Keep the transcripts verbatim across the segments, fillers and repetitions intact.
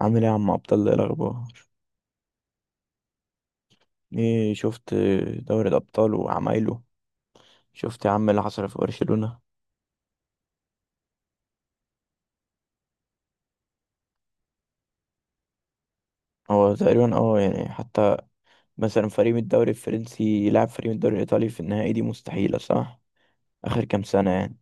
عامل ايه يا عم ابطال؟ ايه الاخبار؟ ايه شفت؟ دوري الابطال وعمايله. شفت يا عم اللي حصل في برشلونة؟ هو تقريبا اه يعني حتى مثلا فريق من الدوري الفرنسي يلعب فريق من الدوري الايطالي في النهائي، دي مستحيلة صح؟ اخر كام سنة يعني.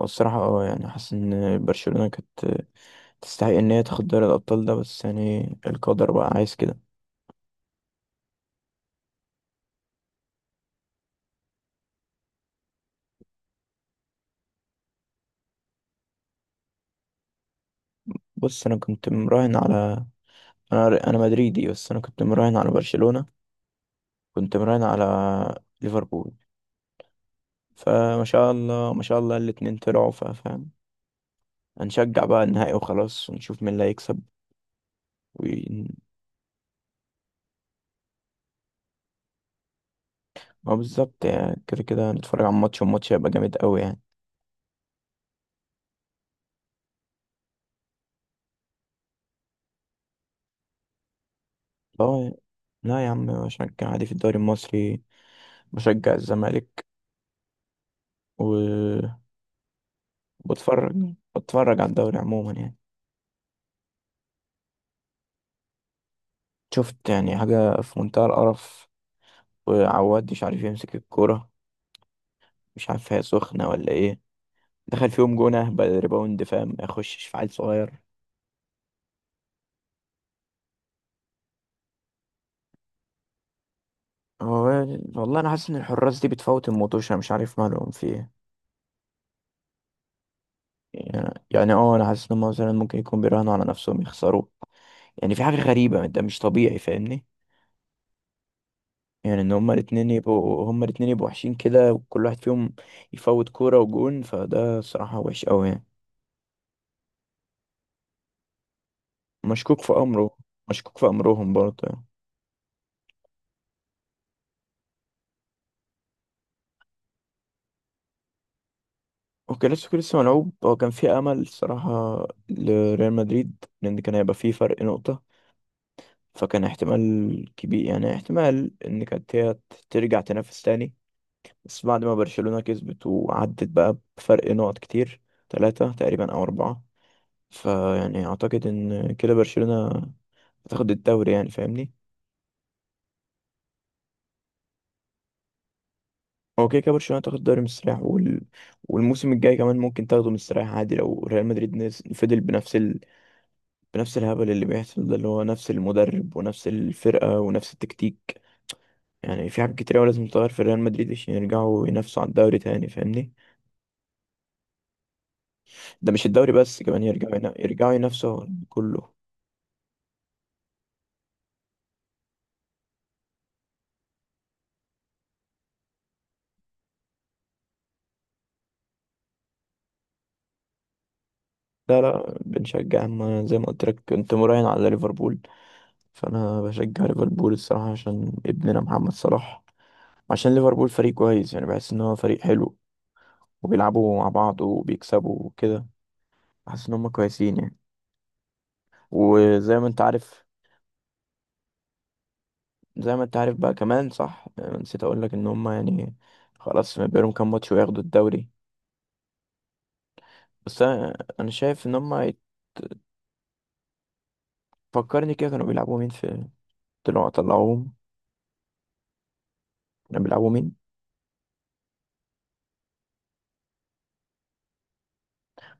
هو الصراحة اه يعني حاسس ان برشلونة كانت تستحق ان هي تاخد دوري الابطال ده، بس يعني القدر بقى عايز كده. بص، انا كنت مراهن على انا انا مدريدي، بس انا كنت مراهن على برشلونة، كنت مراهن على ليفربول. فما شاء الله ما شاء الله الاتنين طلعوا، فاهم؟ هنشجع بقى النهائي وخلاص، ونشوف مين اللي هيكسب. و ما بالظبط، يعني كده كده هنتفرج على الماتش، والماتش هيبقى جامد قوي يعني. اه، لا يا عم، بشجع عادي في الدوري المصري، بشجع الزمالك، وبتفرج بتفرج على الدوري عموما يعني. شفت يعني حاجة في منتهى القرف، وعواد مش عارف يمسك الكورة، مش عارف هي سخنة ولا ايه، دخل فيهم جون اهبل ريباوند، فاهم؟ ما يخشش في عيل صغير. هو والله انا حاسس ان الحراس دي بتفوت الموتوشة، مش عارف مالهم في ايه. يعني يعني اه انا حاسس ان هم مثلا ممكن يكون بيراهنوا على نفسهم يخسروا. يعني في حاجة غريبة، ده مش طبيعي فاهمني. يعني ان هما الاتنين يبقوا هما الاتنين يبقوا وحشين كده، وكل واحد فيهم يفوت كورة وجون، فده صراحة وحش قوي يعني. مشكوك في امره، مشكوك في امرهم برضه يعني. وكلاسيكو لسه ملعوب، هو كان في امل الصراحة لريال مدريد، لان كان هيبقى فيه فرق نقطة، فكان احتمال كبير، يعني احتمال ان كانت هي ت- ترجع تنافس تاني. بس بعد ما برشلونة كسبت وعدت بقى بفرق نقط كتير، ثلاثة تقريبا او اربعة، فيعني اعتقد ان كده برشلونة هتاخد الدوري يعني، فاهمني؟ هو كده كده برشلونة تاخد الدوري مستريح، وال... والموسم الجاي كمان ممكن تاخده مستريح عادي، لو ريال مدريد نس- فضل بنفس ال... بنفس الهبل اللي بيحصل ده، اللي هو نفس المدرب ونفس الفرقة ونفس التكتيك. يعني في حاجات كتير أوي لازم تتغير في ريال مدريد عشان يرجعوا ينافسوا على الدوري تاني، فاهمني؟ ده مش الدوري بس، كمان يرجعوا ينا- يرجعوا ينافسوا كله. لا لا، بنشجع، أما زي ما قلت لك كنت مراهن على ليفربول، فأنا بشجع ليفربول الصراحة عشان ابننا محمد صلاح، عشان ليفربول فريق كويس يعني، بحس إن هو فريق حلو وبيلعبوا مع بعض وبيكسبوا وكده، بحس إن هما كويسين يعني. وزي ما أنت عارف زي ما أنت عارف بقى كمان، صح، نسيت أقول لك إن هما يعني خلاص ما بينهم كام ماتش وياخدوا الدوري. بس انا انا شايف ان هم يت- فكرني كده، كانوا بيلعبوا مين في، طلعوا طلعوهم كانوا بيلعبوا مين،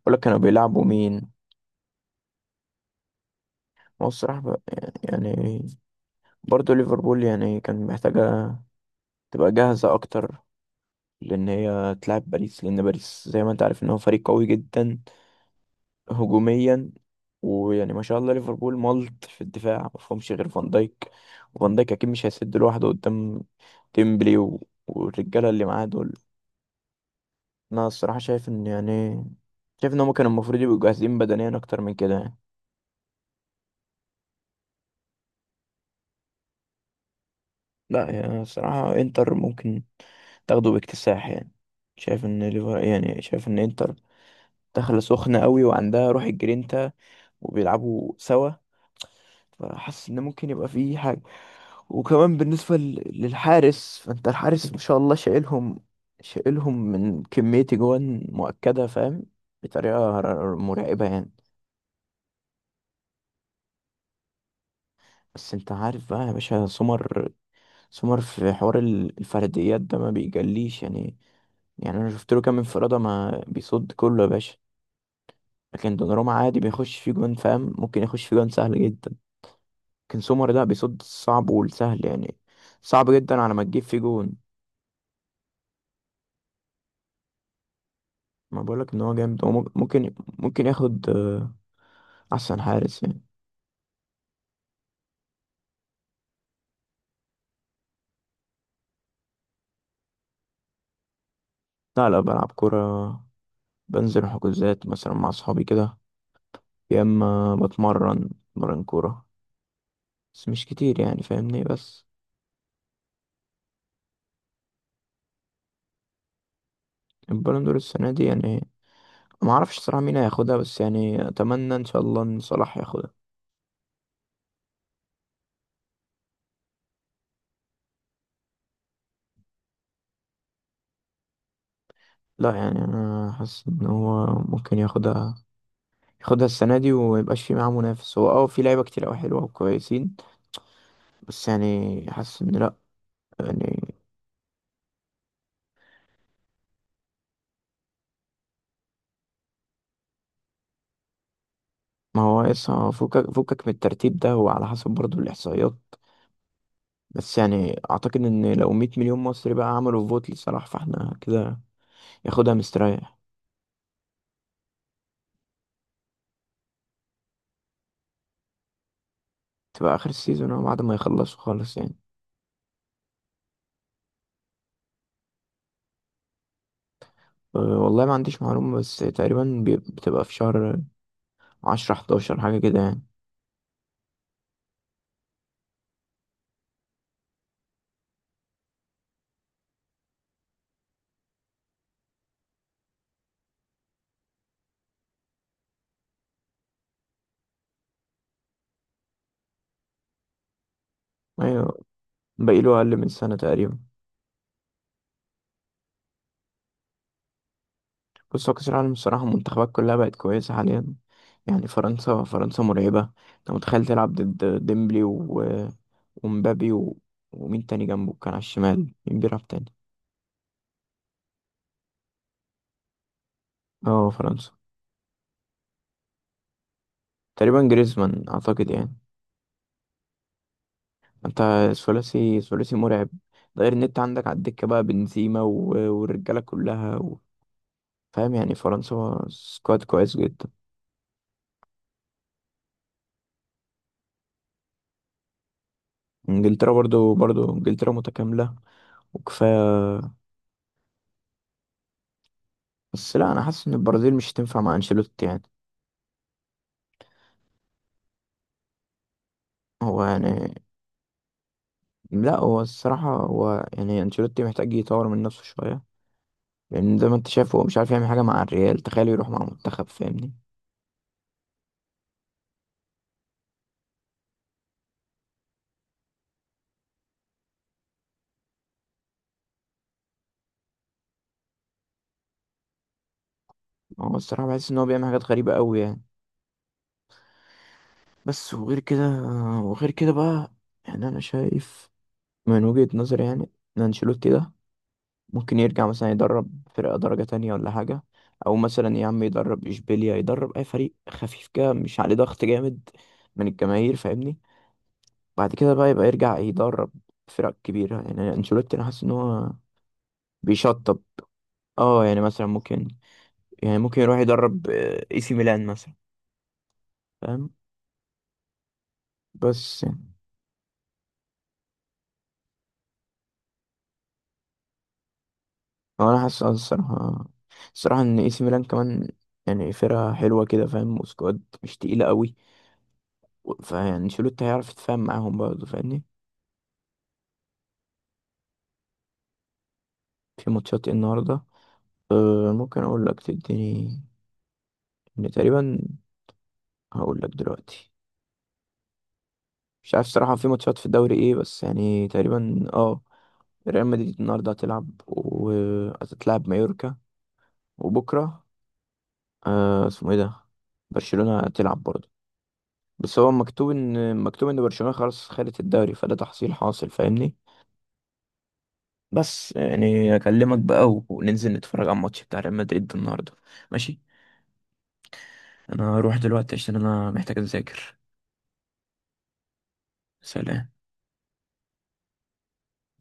ولا كانوا بيلعبوا مين؟ هو الصراحة ب- يعني برضه ليفربول يعني كان محتاجة تبقى جاهزة أكتر، لأن هي تلعب باريس، لأن باريس زي ما أنت عارف إن هو فريق قوي جدا هجوميا. ويعني ما شاء الله ليفربول ملط في الدفاع، ما فيهمش غير فان دايك، وفان دايك أكيد مش هيسد لوحده قدام ديمبلي و... والرجالة اللي معاه دول. انا الصراحه شايف ان يعني شايف ان هم كانوا المفروض يبقوا جاهزين بدنيا اكتر من كده يعني. لا يعني الصراحه انتر ممكن تاخده باكتساح يعني، شايف ان ليفر يعني شايف ان انتر داخله سخنه قوي وعندها روح الجرينتا وبيلعبوا سوا، فحاسس ان ممكن يبقى فيه حاجه. وكمان بالنسبه ل- للحارس، فانت الحارس ما شاء الله شايلهم، شايلهم من كميه جوان مؤكده، فاهم؟ بطريقه ر- ر- مرعبه يعني. بس انت عارف بقى يا باشا، سمر سمر في حوار ال- الفرديات ده ما بيجليش يعني، يعني انا شفت له كام انفرادة ما بيصد كله يا باشا، لكن دوناروما عادي بيخش فيه جوان، فاهم؟ ممكن يخش فيه جوان سهل جدا، لكن سومر ده بيصد الصعب والسهل يعني، صعب جدا على ما تجيب فيه جون. ما بقولك ان هو جامد، هو مم- ممكن ممكن ياخد آه، احسن حارس يعني. لا لا، بلعب كرة، بنزل حجوزات مثلا مع اصحابي كده، يا اما بتمرن بتمرن كورة، بس مش كتير يعني فاهمني. بس البالون دور السنة دي يعني، ما اعرفش الصراحه مين هياخدها، بس يعني اتمنى ان شاء الله ان صلاح ياخدها. لا يعني انا حاسس ان هو ممكن ياخدها، ياخدها السنه دي وما يبقاش في معاه منافس. هو اه في لعيبه كتير قوي حلوه وكويسين، بس يعني حاسس ان لا يعني. ما هو لسه فكك فكك من الترتيب ده، هو على حسب برضه الاحصائيات، بس يعني اعتقد ان لو 100 مليون مصري بقى عملوا فوت لصلاح، فاحنا كده ياخدها مستريح. تبقى اخر السيزون أهو، بعد ما يخلصوا خالص يعني. أه، والله ما عنديش معلومه، بس تقريبا بي- بتبقى في شهر عشرة حداشر، حاجة كده يعني. أيوة، باقيله أقل من سنة تقريبا. بص، هو كأس العالم الصراحة المنتخبات كلها بقت كويسة حاليا، يعني فرنسا فرنسا مرعبة. أنت متخيل تلعب ضد ديمبلي و- ومبابي و... ومين تاني جنبه، كان على الشمال مين بيلعب تاني؟ اه فرنسا، تقريبا جريزمان أعتقد يعني. أنت، ثلاثي ثلاثي مرعب، ده غير إن أنت عندك على الدكة بقى بنزيما و... والرجالة كلها و... فاهم؟ يعني فرنسا سكواد كويس جدا. انجلترا برضو برضو انجلترا متكاملة وكفاية. بس لا أنا حاسس إن البرازيل مش هتنفع مع أنشيلوتي يعني. هو يعني، لا هو الصراحة هو يعني أنشيلوتي محتاج يطور من نفسه شوية، لأن زي ما أنت شايف هو مش عارف يعمل حاجة مع الريال، تخيل يروح مع منتخب، فاهمني؟ هو الصراحة بحس إن هو بيعمل حاجات غريبة أوي يعني. بس وغير كده وغير كده بقى، يعني أنا شايف من وجهة نظري يعني إن أنشيلوتي ده ممكن يرجع مثلا يدرب فرقة درجة تانية ولا حاجة، أو مثلا يا عم يدرب إشبيليا، يدرب أي فريق خفيف كده مش عليه ضغط جامد من الجماهير، فاهمني؟ بعد كده بقى يبقى يرجع يدرب فرق كبيرة يعني. أنشيلوتي أنا حاسس إن هو بيشطب، اه يعني مثلا ممكن، يعني ممكن يروح يدرب آه، اي سي ميلان مثلا، فاهم؟ بس يعني هو أنا حاسس آه الصراحة الصراحة إن اي سي ميلان كمان يعني فرقة حلوة كده فاهم، وسكواد مش تقيلة قوي، و- فيعني أنشيلوتي هيعرف يتفاهم معاهم برضه، فاهمني؟ في ماتشات إيه النهارده؟ أه ممكن اقول لك، تديني ان تقريبا، هقول لك دلوقتي. مش عارف صراحة في ماتشات في الدوري ايه، بس يعني تقريبا اه ريال مدريد النهارده هتلعب وهتتلعب مايوركا، وبكرة أه اسمه ايه ده، برشلونة هتلعب برضه، بس هو مكتوب ان مكتوب ان برشلونة خلاص خدت الدوري، فده تحصيل حاصل فاهمني. بس يعني اكلمك بقى وننزل نتفرج على الماتش بتاع ريال مدريد النهارده، ماشي؟ انا هروح دلوقتي عشان انا محتاج اذاكر. سلام.